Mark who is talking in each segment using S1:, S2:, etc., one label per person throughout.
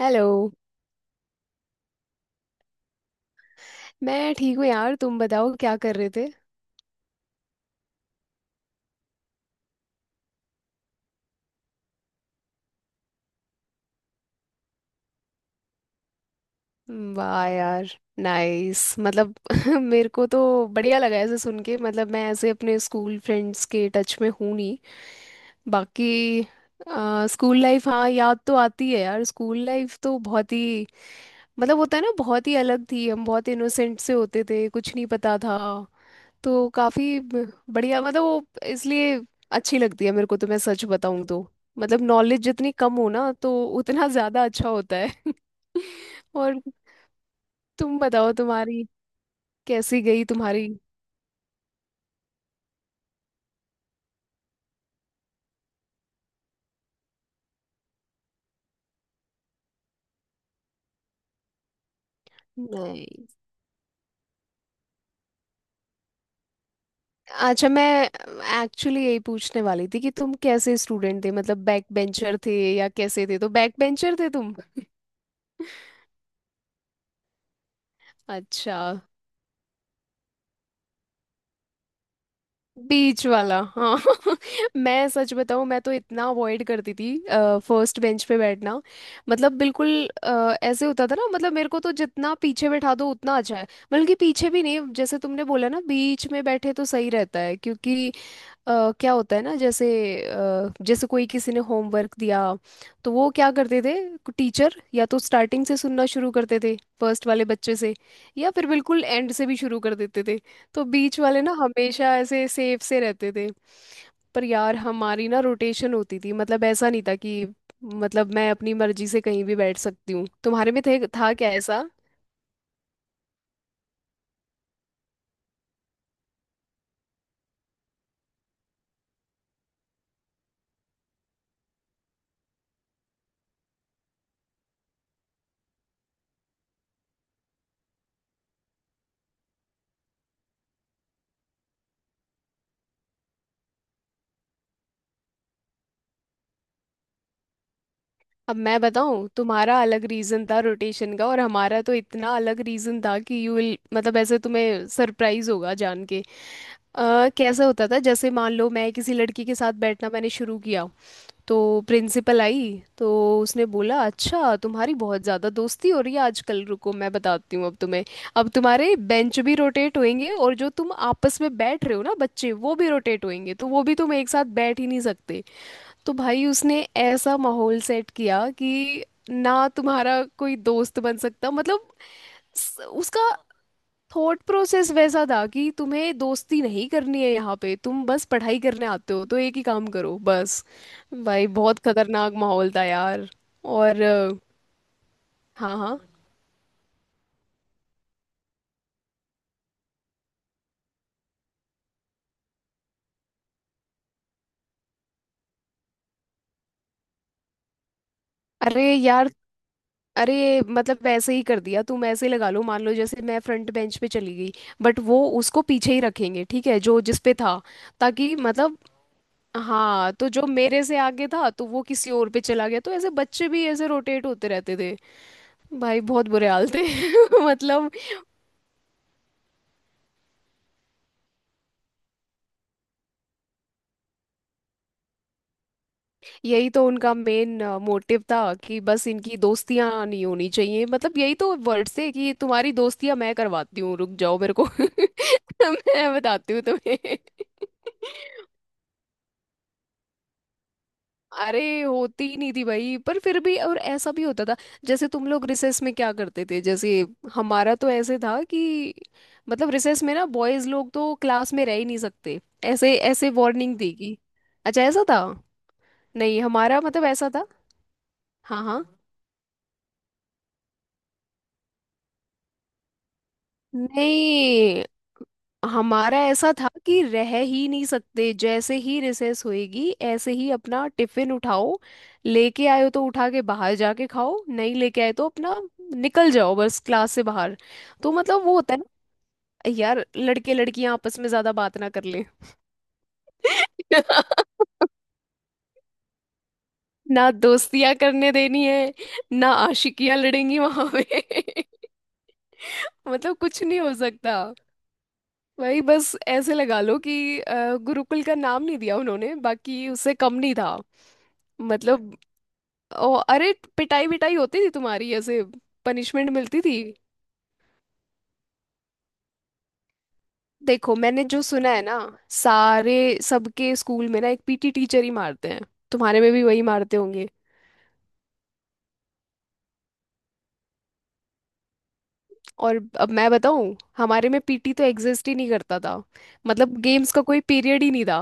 S1: Hello. मैं ठीक हूँ यार, तुम बताओ क्या कर रहे थे। वाह यार, नाइस। मतलब मेरे को तो बढ़िया लगा ऐसे सुन के। मतलब मैं ऐसे अपने स्कूल फ्रेंड्स के टच में हूँ नहीं बाकी। स्कूल लाइफ, हाँ याद तो आती है यार, स्कूल लाइफ तो बहुत ही, मतलब होता है ना, बहुत ही अलग थी। हम बहुत इनोसेंट से होते थे, कुछ नहीं पता था। तो काफी बढ़िया, मतलब वो इसलिए अच्छी लगती है मेरे को, तो मैं सच बताऊं तो मतलब नॉलेज जितनी कम हो ना, तो उतना ज्यादा अच्छा होता है और तुम बताओ तुम्हारी, कैसी गई तुम्हारी। नहीं, अच्छा मैं एक्चुअली यही पूछने वाली थी कि तुम कैसे स्टूडेंट थे, मतलब बैक बेंचर थे या कैसे थे, तो बैक बेंचर थे तुम। अच्छा, बीच वाला हाँ। मैं सच बताऊँ, मैं तो इतना अवॉइड करती थी फर्स्ट बेंच पे बैठना, मतलब बिल्कुल। ऐसे होता था ना, मतलब मेरे को तो जितना पीछे बैठा दो उतना अच्छा है। बल्कि पीछे भी नहीं, जैसे तुमने बोला ना बीच में बैठे तो सही रहता है, क्योंकि क्या होता है ना, जैसे जैसे कोई किसी ने होमवर्क दिया, तो वो क्या करते थे, टीचर या तो स्टार्टिंग से सुनना शुरू करते थे फर्स्ट वाले बच्चे से, या फिर बिल्कुल एंड से भी शुरू कर देते थे। तो बीच वाले ना हमेशा ऐसे सेफ से रहते थे। पर यार हमारी ना रोटेशन होती थी, मतलब ऐसा नहीं था कि मतलब मैं अपनी मर्जी से कहीं भी बैठ सकती हूँ, तुम्हारे में थे था क्या ऐसा। अब मैं बताऊँ, तुम्हारा अलग रीजन था रोटेशन का और हमारा तो इतना अलग रीजन था कि यू विल, मतलब ऐसे तुम्हें सरप्राइज होगा जान के। कैसा होता था, जैसे मान लो मैं किसी लड़की के साथ बैठना मैंने शुरू किया, तो प्रिंसिपल आई, तो उसने बोला अच्छा तुम्हारी बहुत ज़्यादा दोस्ती हो रही है आजकल, रुको मैं बताती हूँ अब तुम्हें। अब तुम्हारे बेंच भी रोटेट होंगे और जो तुम आपस में बैठ रहे हो ना बच्चे वो भी रोटेट होंगे, तो वो भी तुम एक साथ बैठ ही नहीं सकते। तो भाई उसने ऐसा माहौल सेट किया कि ना तुम्हारा कोई दोस्त बन सकता, मतलब उसका थॉट प्रोसेस वैसा था कि तुम्हें दोस्ती नहीं करनी है यहाँ पे, तुम बस पढ़ाई करने आते हो, तो एक ही काम करो बस। भाई बहुत खतरनाक माहौल था यार। और हाँ हाँ। अरे यार, अरे मतलब वैसे ही कर दिया, तुम ऐसे ही लगा लो, मान लो जैसे मैं फ्रंट बेंच पे चली गई, बट वो उसको पीछे ही रखेंगे, ठीक है जो जिस पे था, ताकि मतलब। हाँ तो जो मेरे से आगे था, तो वो किसी और पे चला गया, तो ऐसे बच्चे भी ऐसे रोटेट होते रहते थे। भाई बहुत बुरे हाल थे। मतलब यही तो उनका मेन मोटिव था कि बस इनकी दोस्तियां नहीं होनी चाहिए, मतलब यही तो वर्ड से कि तुम्हारी दोस्तियां मैं करवाती हूँ रुक जाओ, मेरे को मैं बताती हूँ तुम्हें। अरे होती ही नहीं थी भाई, पर फिर भी। और ऐसा भी होता था, जैसे तुम लोग रिसेस में क्या करते थे, जैसे हमारा तो ऐसे था कि मतलब रिसेस में ना बॉयज लोग तो क्लास में रह ही नहीं सकते, ऐसे ऐसे वार्निंग देगी। अच्छा ऐसा था। नहीं हमारा मतलब ऐसा था, हाँ हाँ। नहीं, हमारा ऐसा था कि रह ही नहीं सकते, जैसे ही रिसेस होएगी ऐसे ही अपना टिफिन उठाओ, लेके आए हो तो उठा के बाहर जाके खाओ, नहीं लेके आए तो अपना निकल जाओ बस क्लास से बाहर। तो मतलब वो होता है ना, यार लड़के लड़कियां आपस में ज्यादा बात ना कर लें ना दोस्तियां करने देनी है, ना आशिकियां लड़ेंगी वहां पे। मतलब कुछ नहीं हो सकता, वही बस ऐसे लगा लो कि गुरुकुल का नाम नहीं दिया उन्होंने, बाकी उससे कम नहीं था, मतलब। ओ, अरे पिटाई विटाई होती थी तुम्हारी ऐसे, पनिशमेंट मिलती थी। देखो मैंने जो सुना है ना, सारे, सबके स्कूल में ना एक पीटी टीचर ही मारते हैं, तुम्हारे में भी वही मारते होंगे। और अब मैं बताऊं, हमारे में पीटी तो एग्जिस्ट ही नहीं करता था। मतलब गेम्स का कोई पीरियड ही नहीं था,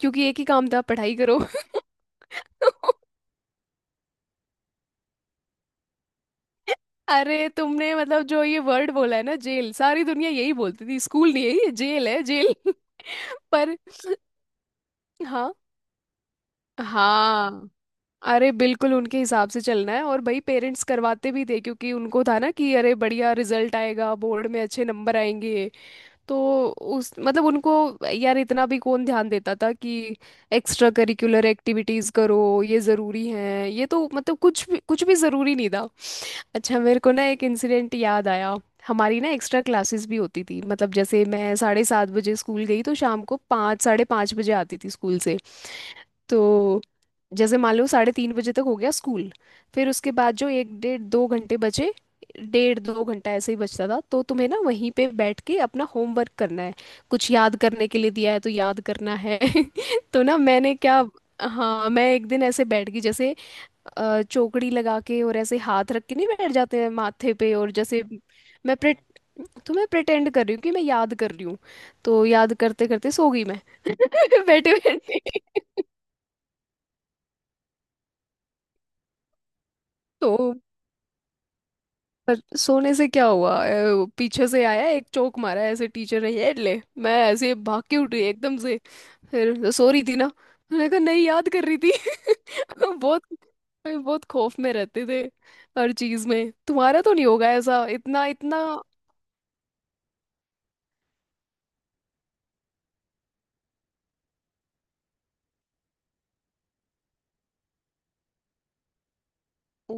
S1: क्योंकि एक ही काम था पढ़ाई करो। अरे तुमने मतलब जो ये वर्ड बोला है ना जेल, सारी दुनिया यही बोलती थी स्कूल नहीं है ये, जेल है जेल। पर हाँ हाँ। अरे बिल्कुल उनके हिसाब से चलना है, और भाई पेरेंट्स करवाते भी थे, क्योंकि उनको था ना कि अरे बढ़िया रिजल्ट आएगा बोर्ड में, अच्छे नंबर आएंगे, तो उस मतलब उनको, यार इतना भी कौन ध्यान देता था कि एक्स्ट्रा करिकुलर एक्टिविटीज करो ये जरूरी है ये, तो मतलब कुछ भी जरूरी नहीं था। अच्छा, मेरे को ना एक इंसिडेंट याद आया। हमारी ना एक्स्ट्रा क्लासेस भी होती थी, मतलब जैसे मैं 7:30 बजे स्कूल गई, तो शाम को पाँच साढ़े पाँच बजे आती थी स्कूल से। तो जैसे मान लो 3:30 बजे तक हो गया स्कूल, फिर उसके बाद जो एक डेढ़ दो घंटे बचे, डेढ़ दो घंटा ऐसे ही बचता था, तो तुम्हें ना वहीं पे बैठ के अपना होमवर्क करना है, कुछ याद करने के लिए दिया है तो याद करना है। तो ना मैंने क्या, हाँ मैं एक दिन ऐसे बैठ गई, जैसे चौकड़ी लगा के, और ऐसे हाथ रख के नहीं बैठ जाते हैं माथे पे, और जैसे मैं प्रे, तो मैं प्रिटेंड कर रही हूँ कि मैं याद कर रही हूँ, तो याद करते करते सो गई मैं। बैठे बैठे। तो पर सोने से क्या हुआ, वो पीछे से आया एक चोक मारा ऐसे टीचर ने, ये ले मैं ऐसे भाग के उठी एकदम से। फिर सो रही थी ना, मैंने कहा नहीं याद कर रही थी। बहुत बहुत खौफ में रहते थे हर चीज में, तुम्हारा तो नहीं होगा ऐसा इतना इतना। ओ,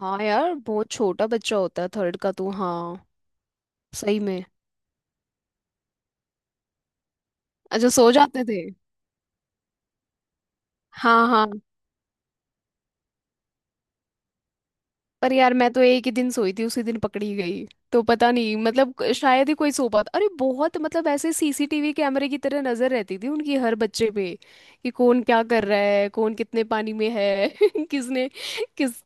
S1: हाँ यार बहुत छोटा बच्चा होता है थर्ड का, तू हाँ। सही में। अच्छा सो जाते थे। हाँ हाँ। पर यार मैं तो एक ही दिन सोई थी, उसी दिन पकड़ी गई, तो पता नहीं, मतलब शायद ही कोई सो पाता। अरे बहुत, मतलब ऐसे सीसीटीवी कैमरे की तरह नजर रहती थी उनकी हर बच्चे पे, कि कौन क्या कर रहा है कौन कितने पानी में है किसने किस,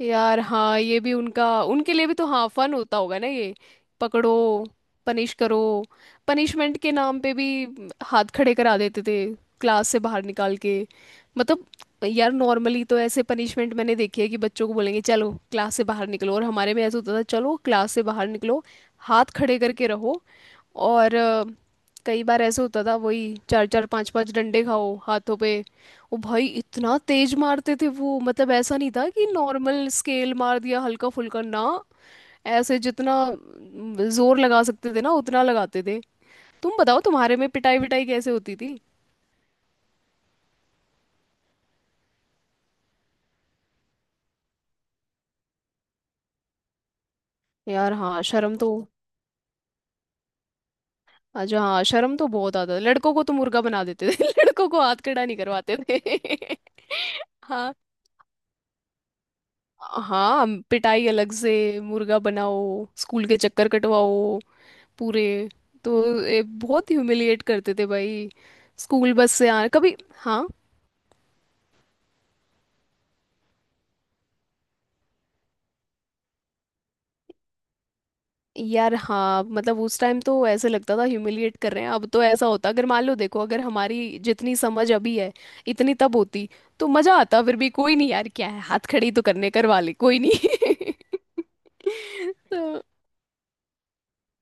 S1: यार हाँ ये भी उनका, उनके लिए भी तो हाँ फन होता होगा ना ये, पकड़ो पनिश करो। पनिशमेंट के नाम पे भी हाथ खड़े करा देते थे क्लास से बाहर निकाल के, मतलब। यार नॉर्मली तो ऐसे पनिशमेंट मैंने देखी है कि बच्चों को बोलेंगे चलो क्लास से बाहर निकलो, और हमारे में ऐसा होता था चलो क्लास से बाहर निकलो हाथ खड़े करके रहो, और कई बार ऐसे होता था, वही चार चार पांच पांच डंडे खाओ हाथों पे। ओ भाई इतना तेज मारते थे वो, मतलब ऐसा नहीं था कि नॉर्मल स्केल मार दिया हल्का फुल्का ना, ऐसे जितना जोर लगा सकते थे ना उतना लगाते थे। तुम बताओ, तुम्हारे में पिटाई विटाई कैसे होती थी। यार हाँ शर्म तो, अच्छा हाँ शर्म तो बहुत आता था, लड़कों को तो मुर्गा बना देते थे लड़कों को हाथ खड़ा नहीं करवाते थे। हाँ हाँ पिटाई अलग से, मुर्गा बनाओ, स्कूल के चक्कर कटवाओ पूरे, तो बहुत ह्यूमिलिएट करते थे भाई, स्कूल बस से आ कभी, हाँ। यार हाँ मतलब उस टाइम तो ऐसे लगता था ह्यूमिलिएट कर रहे हैं, अब तो ऐसा होता अगर मान लो देखो, अगर हमारी जितनी समझ अभी है इतनी तब होती, तो मजा आता, फिर भी कोई नहीं यार क्या है हाथ खड़ी तो करने करवा ले कोई नहीं। तो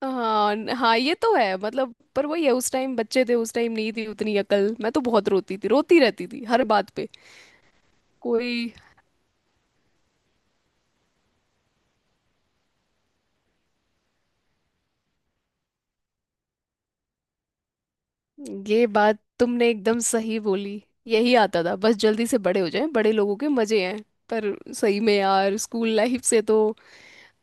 S1: हाँ हाँ ये तो है, मतलब पर वही है उस टाइम बच्चे थे, उस टाइम नहीं थी उतनी अकल, मैं तो बहुत रोती थी रोती रहती थी हर बात पे। कोई। ये बात तुमने एकदम सही बोली, यही आता था बस जल्दी से बड़े हो जाएं, बड़े लोगों के मजे हैं। पर सही में यार स्कूल लाइफ से तो,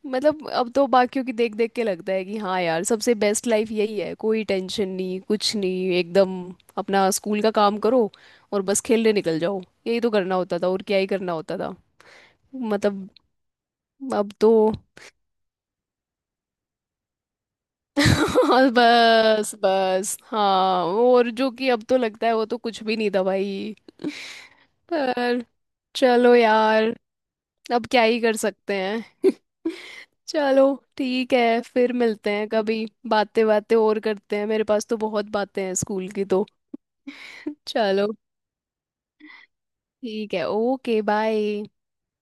S1: मतलब अब तो बाकियों की देख देख के लगता है कि हाँ यार सबसे बेस्ट लाइफ यही है, कोई टेंशन नहीं कुछ नहीं एकदम, अपना स्कूल का काम करो और बस खेलने निकल जाओ, यही तो करना होता था और क्या ही करना होता था, मतलब अब तो बस बस हाँ, और जो कि अब तो लगता है वो तो कुछ भी नहीं था भाई, पर चलो यार अब क्या ही कर सकते हैं। चलो ठीक है फिर मिलते हैं कभी, बातें बातें और करते हैं मेरे पास तो बहुत बातें हैं स्कूल की तो। चलो ठीक है, ओके बाय।